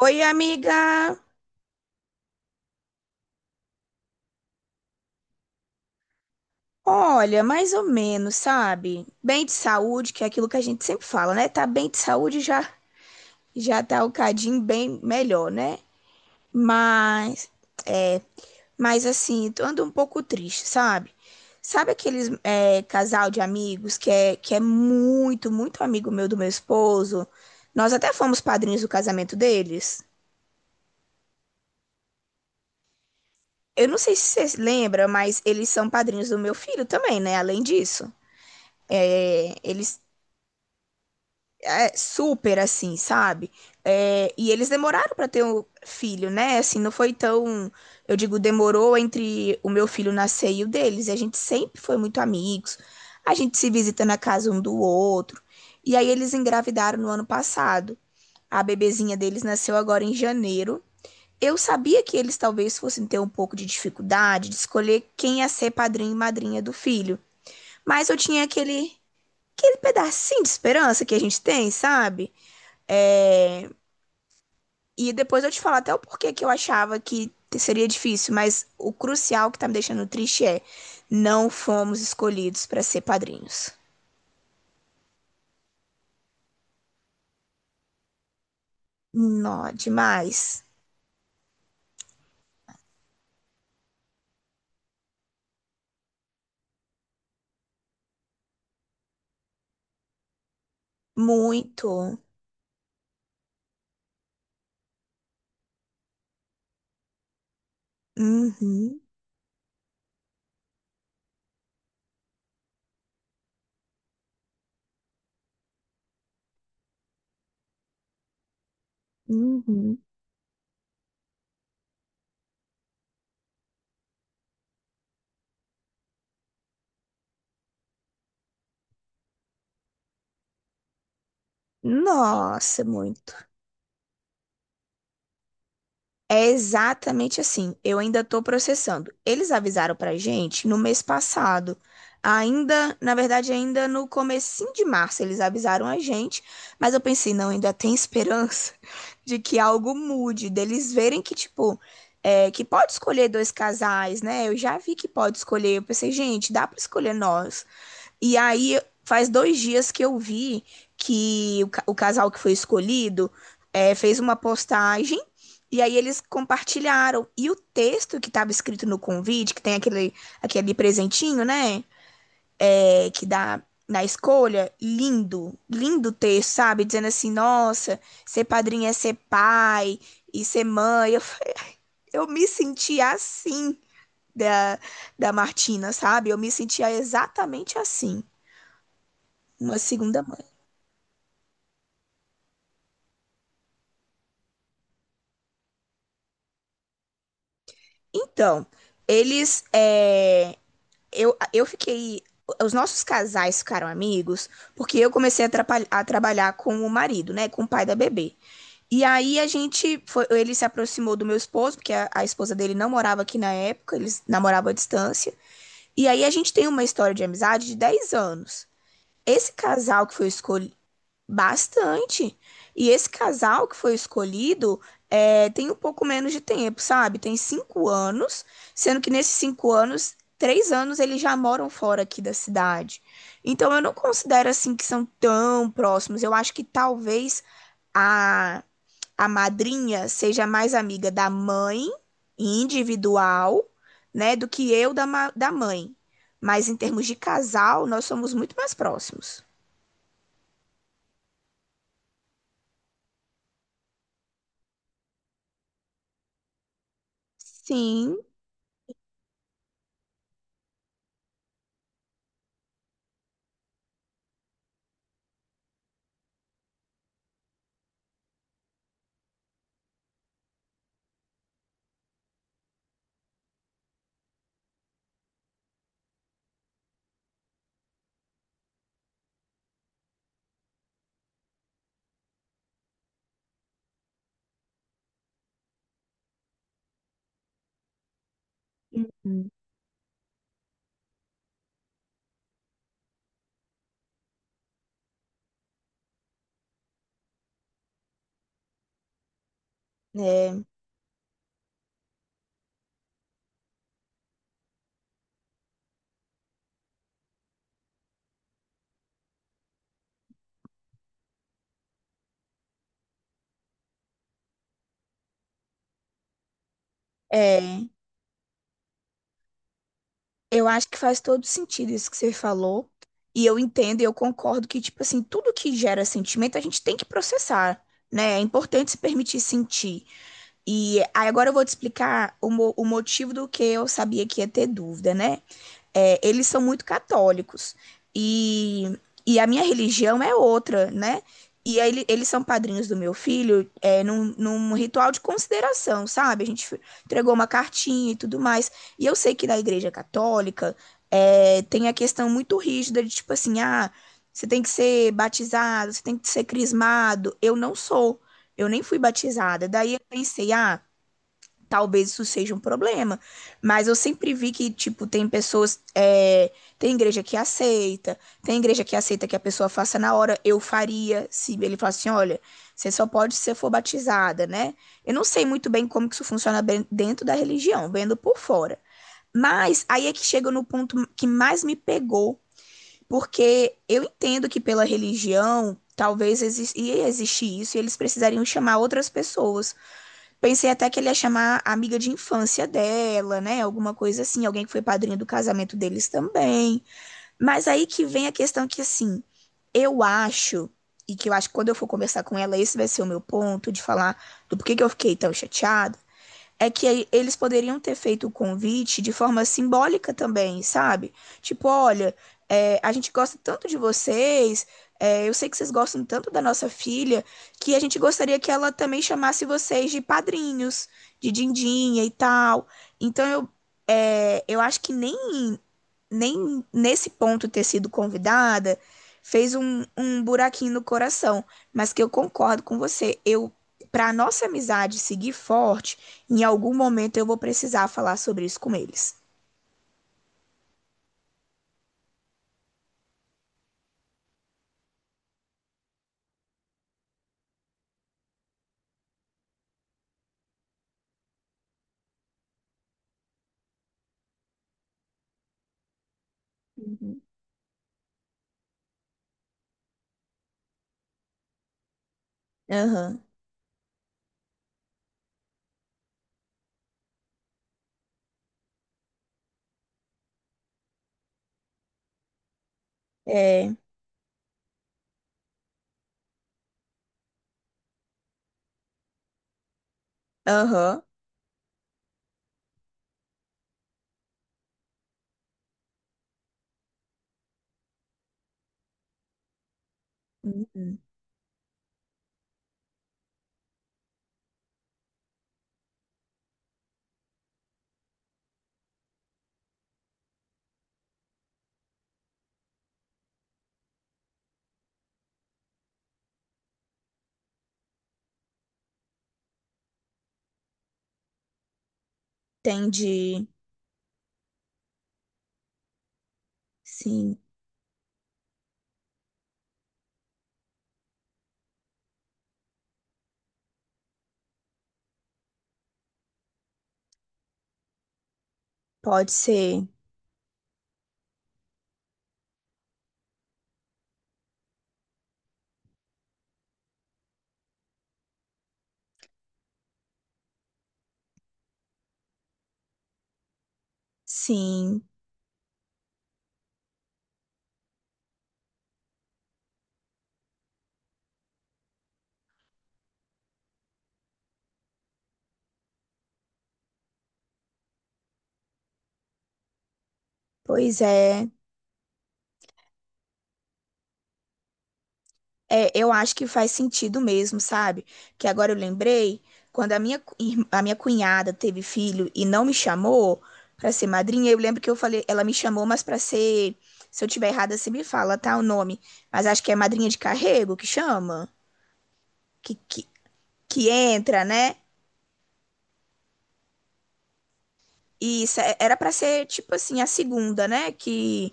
Oi, amiga. Olha, mais ou menos, sabe? Bem de saúde, que é aquilo que a gente sempre fala, né? Tá bem de saúde já tá o cadinho bem melhor, né? Mas é, mas assim, tô ando um pouco triste, sabe? Sabe aqueles casal de amigos que é muito, muito amigo meu do meu esposo? Nós até fomos padrinhos do casamento deles. Eu não sei se você lembra, mas eles são padrinhos do meu filho também, né? Além disso, É, eles super assim, sabe? É, e eles demoraram pra ter um filho, né? Assim, não foi tão. Eu digo, demorou entre o meu filho nascer e o deles. E a gente sempre foi muito amigos. A gente se visita na casa um do outro. E aí eles engravidaram no ano passado. A bebezinha deles nasceu agora em janeiro. Eu sabia que eles talvez fossem ter um pouco de dificuldade de escolher quem ia ser padrinho e madrinha do filho. Mas eu tinha aquele pedacinho de esperança que a gente tem, sabe? É, e depois eu te falo até o porquê que eu achava que seria difícil, mas o crucial que tá me deixando triste é não fomos escolhidos para ser padrinhos. Nó, demais. Muito. Uhum, uhum. Nossa, muito. É exatamente assim. Eu ainda estou processando. Eles avisaram para gente no mês passado. Ainda, na verdade, ainda no comecinho de março eles avisaram a gente, mas eu pensei, não, ainda tem esperança de que algo mude, deles verem que, tipo, que pode escolher dois casais, né? Eu já vi que pode escolher. Eu pensei, gente, dá para escolher nós. E aí, faz dois dias que eu vi que o casal que foi escolhido fez uma postagem e aí eles compartilharam. E o texto que estava escrito no convite, que tem aquele presentinho, né? É, que dá na escolha, lindo, lindo texto, sabe? Dizendo assim, nossa, ser padrinho é ser pai e ser mãe. Eu me senti assim da, da Martina, sabe? Eu me sentia exatamente assim, uma segunda mãe. Então, eles. é, eu fiquei. Os nossos casais ficaram amigos porque eu comecei a trabalhar com o marido, né? Com o pai da bebê. E aí a gente foi, ele se aproximou do meu esposo, porque a esposa dele não morava aqui na época, eles namoravam à distância. E aí a gente tem uma história de amizade de 10 anos. Esse casal que foi escol Bastante. E esse casal que foi escolhido tem um pouco menos de tempo, sabe? Tem 5 anos, sendo que nesses 5 anos, 3 anos eles já moram fora aqui da cidade. Então eu não considero assim que são tão próximos. Eu acho que talvez a, a madrinha seja mais amiga da mãe individual, né, do que eu da mãe. Mas em termos de casal, nós somos muito mais próximos. Sim. É, é, eu acho que faz todo sentido isso que você falou. E eu entendo e eu concordo que, tipo assim, tudo que gera sentimento a gente tem que processar, né? É importante se permitir sentir. E aí agora eu vou te explicar o motivo do que eu sabia que ia ter dúvida, né? É, eles são muito católicos. E, e a minha religião é outra, né? E aí, eles são padrinhos do meu filho num ritual de consideração, sabe? A gente entregou uma cartinha e tudo mais. E eu sei que na igreja católica tem a questão muito rígida de tipo assim, ah, você tem que ser batizado, você tem que ser crismado. Eu não sou, eu nem fui batizada. Daí eu pensei, ah, talvez isso seja um problema. Mas eu sempre vi que, tipo, tem pessoas. Tem igreja que aceita, tem igreja que aceita que a pessoa faça na hora. Eu faria se ele falasse assim: olha, você só pode se você for batizada, né? Eu não sei muito bem como que isso funciona dentro da religião, vendo por fora. Mas aí é que chega no ponto que mais me pegou, porque eu entendo que pela religião. Talvez ia existir isso e eles precisariam chamar outras pessoas. Pensei até que ele ia chamar a amiga de infância dela, né? Alguma coisa assim, alguém que foi padrinho do casamento deles também. Mas aí que vem a questão que, assim, eu acho, e que eu acho que quando eu for conversar com ela, esse vai ser o meu ponto de falar do porquê que eu fiquei tão chateada é que eles poderiam ter feito o convite de forma simbólica também, sabe? Tipo, olha, a gente gosta tanto de vocês, é, eu sei que vocês gostam tanto da nossa filha, que a gente gostaria que ela também chamasse vocês de padrinhos, de dindinha e tal. Então eu acho que nem nesse ponto ter sido convidada fez um buraquinho no coração, mas que eu concordo com você. Eu, para nossa amizade seguir forte, em algum momento eu vou precisar falar sobre isso com eles. Uhum. Aham. É. Aham. Uhum. Entendi. Sim, pode ser. Sim, pois é. É, eu acho que faz sentido mesmo, sabe? Que agora eu lembrei, quando a minha cunhada teve filho e não me chamou pra ser madrinha, eu lembro que eu falei, ela me chamou, mas pra ser, se eu tiver errada, você me fala, tá, o nome. Mas acho que é madrinha de carrego que chama, que, que, que entra, né? E isso era pra ser tipo assim a segunda, né? Que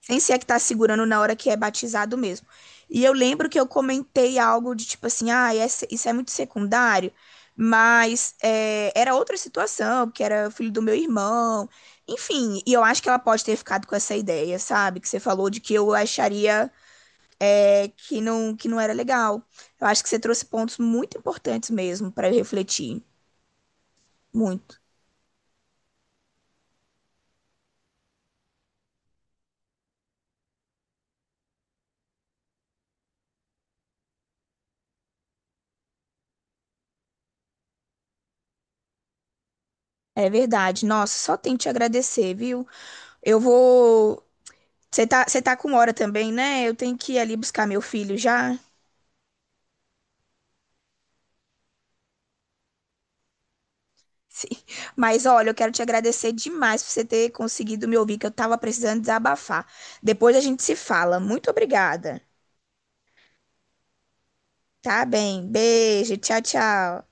sem ser a que tá segurando na hora que é batizado mesmo. E eu lembro que eu comentei algo de tipo assim, ah, isso é muito secundário, mas era outra situação, porque era o filho do meu irmão. Enfim, e eu acho que ela pode ter ficado com essa ideia, sabe? Que você falou de que eu acharia que não era legal. Eu acho que você trouxe pontos muito importantes mesmo para eu refletir. Muito. É verdade. Nossa, só tenho que te agradecer, viu? Eu vou. Você tá com hora também, né? Eu tenho que ir ali buscar meu filho já. Sim. Mas olha, eu quero te agradecer demais por você ter conseguido me ouvir, que eu tava precisando desabafar. Depois a gente se fala. Muito obrigada. Tá bem. Beijo. Tchau, tchau.